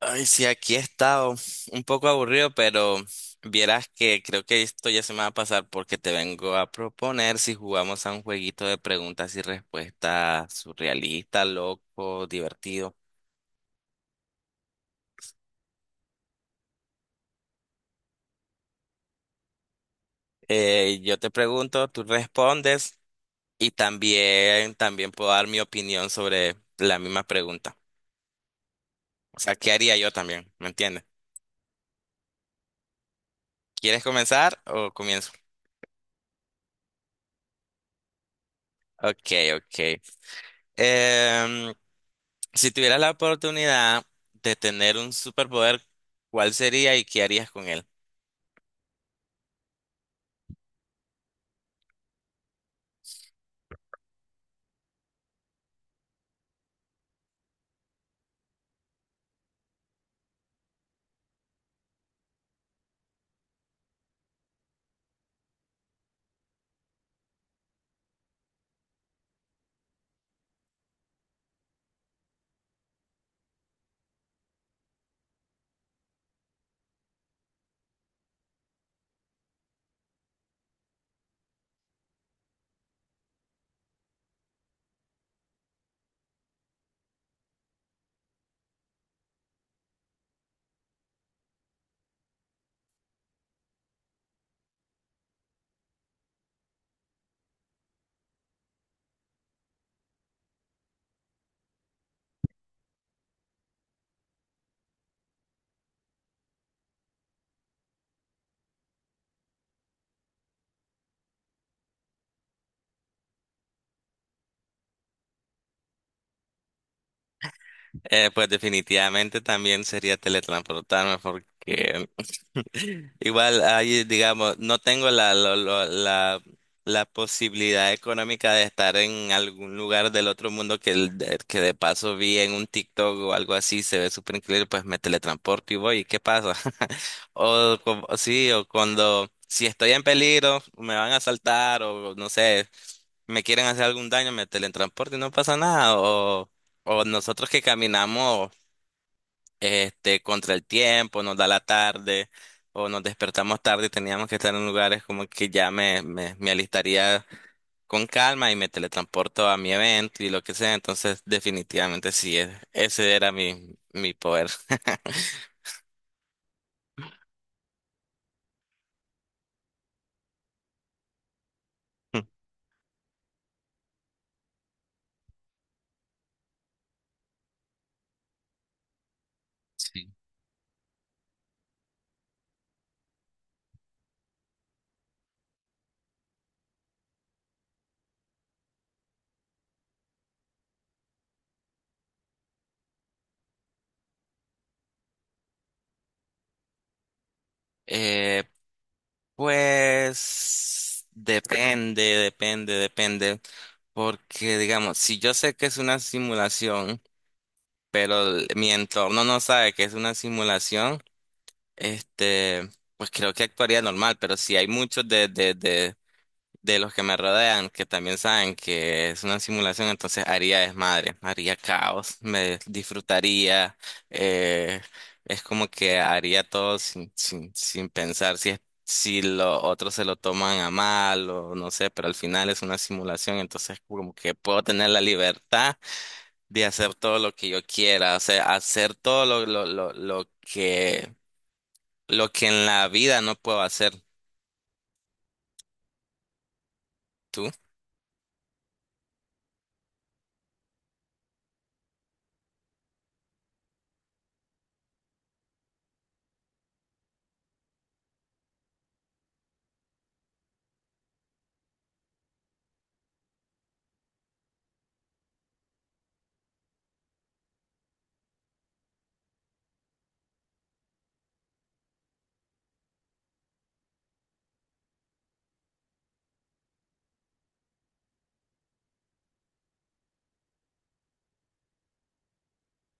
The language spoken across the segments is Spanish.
Ay, sí, aquí he estado un poco aburrido, pero vieras que creo que esto ya se me va a pasar porque te vengo a proponer si jugamos a un jueguito de preguntas y respuestas surrealista, loco, divertido. Yo te pregunto, tú respondes y también puedo dar mi opinión sobre la misma pregunta. O sea, ¿qué haría yo también? ¿Me entiendes? ¿Quieres comenzar o comienzo? Ok, ok. Em, Si tuvieras la oportunidad de tener un superpoder, ¿cuál sería y qué harías con él? Pues definitivamente también sería teletransportarme porque igual ahí, digamos, no tengo la, lo- la posibilidad económica de estar en algún lugar del otro mundo que, que de paso vi en un TikTok o algo así, se ve súper increíble, pues me teletransporto y voy, ¿y qué pasa? O, sí, o cuando, si estoy en peligro, me van a asaltar o no sé. Me quieren hacer algún daño, me teletransporto y no pasa nada. O nosotros que caminamos este, contra el tiempo, nos da la tarde, o nos despertamos tarde y teníamos que estar en lugares como que ya me alistaría con calma y me teletransporto a mi evento y lo que sea. Entonces, definitivamente sí, ese era mi poder. Eh, Pues depende. Porque, digamos, si yo sé que es una simulación, pero mi entorno no sabe que es una simulación, este, pues creo que actuaría normal. Pero si hay muchos de los que me rodean, que también saben que es una simulación, entonces haría desmadre, haría caos, me disfrutaría, eh, es como que haría todo sin pensar si es, si los otros se lo toman a mal o no sé, pero al final es una simulación, entonces como que puedo tener la libertad de hacer todo lo que yo quiera, o sea, hacer todo lo que en la vida no puedo hacer. ¿Tú?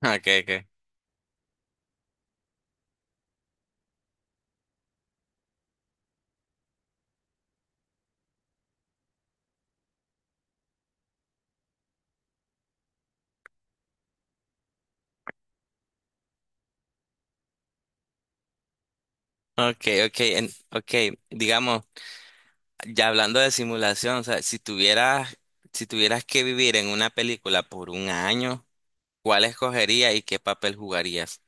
Ok, ok. Okay, okay, okay, digamos, ya hablando de simulación, o sea, si tuvieras que vivir en una película por un año, ¿cuál escogerías y qué papel jugarías?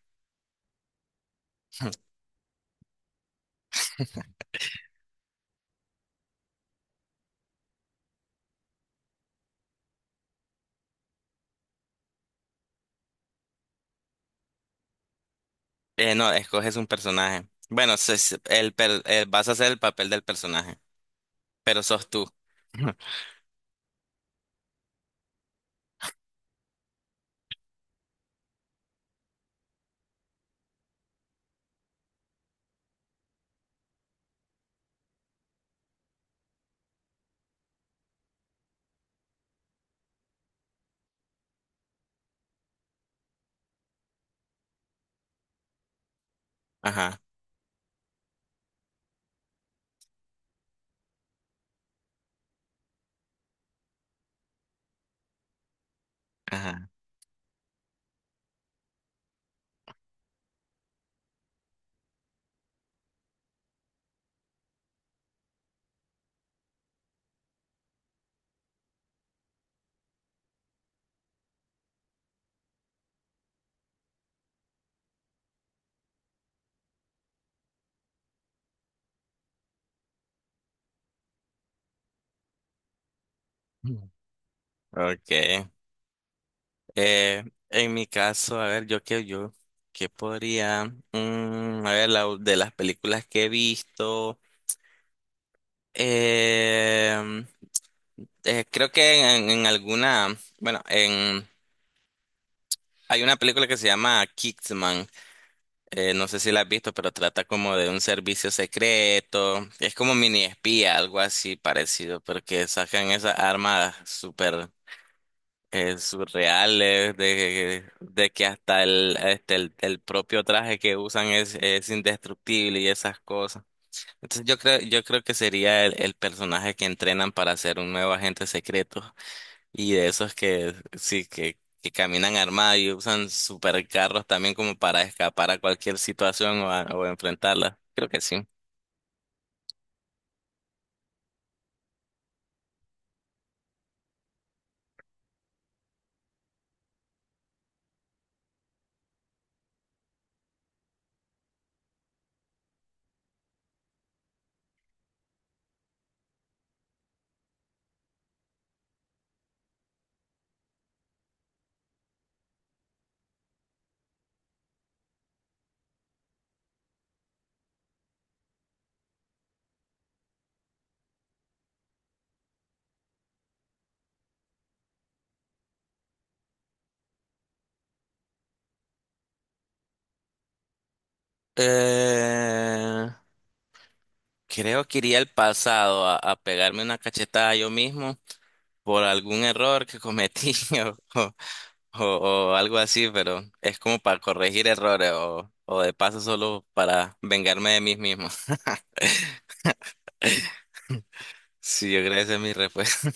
No, escoges un personaje. Bueno, vas a hacer el papel del personaje, pero sos tú. Ajá, ajá. Mm. Okay. Eh, en mi caso, a ver, qué podría, Mm, a ver, de las películas que he visto. Eh, Creo que en alguna, bueno, en, hay una película que se llama Kingsman, no sé si la has visto, pero trata como de un servicio secreto, es como mini espía, algo así parecido, porque sacan esas armas súper surreales, de que hasta el propio traje que usan es indestructible y esas cosas. Entonces yo creo que sería el personaje que entrenan para ser un nuevo agente secreto. Y de esos que sí, que caminan armados y usan supercarros también como para escapar a cualquier situación o enfrentarla. Creo que sí. Eh, Creo que iría al pasado a pegarme una cachetada yo mismo por algún error que cometí o, o algo así, pero es como para corregir errores o de paso solo para vengarme de mí mismo. Sí, yo creo que esa es mi respuesta.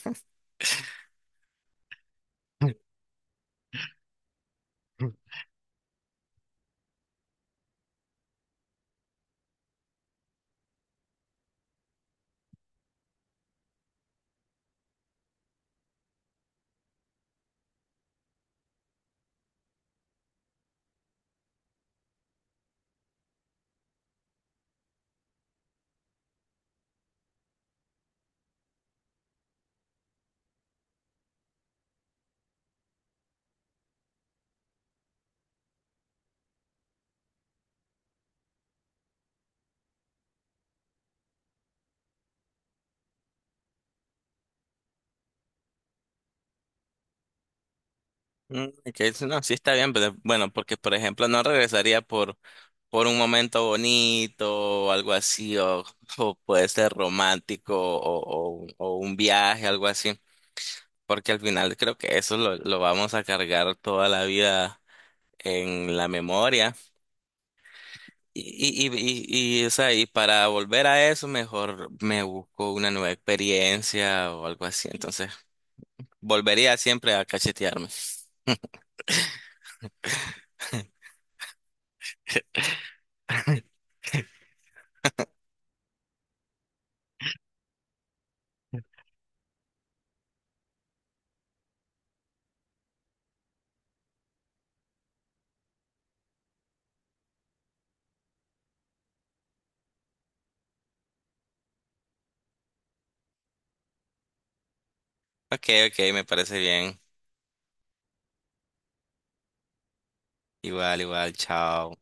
Mm, que eso no, sí está bien, pero bueno, porque por ejemplo no regresaría por un momento bonito o algo así, o, puede ser romántico o un viaje, algo así, porque al final creo que eso lo vamos a cargar toda la vida en la memoria. O sea, y para volver a eso, mejor me busco una nueva experiencia o algo así, entonces volvería siempre a cachetearme. Ok, ok, me parece bien. Igual, igual, chao.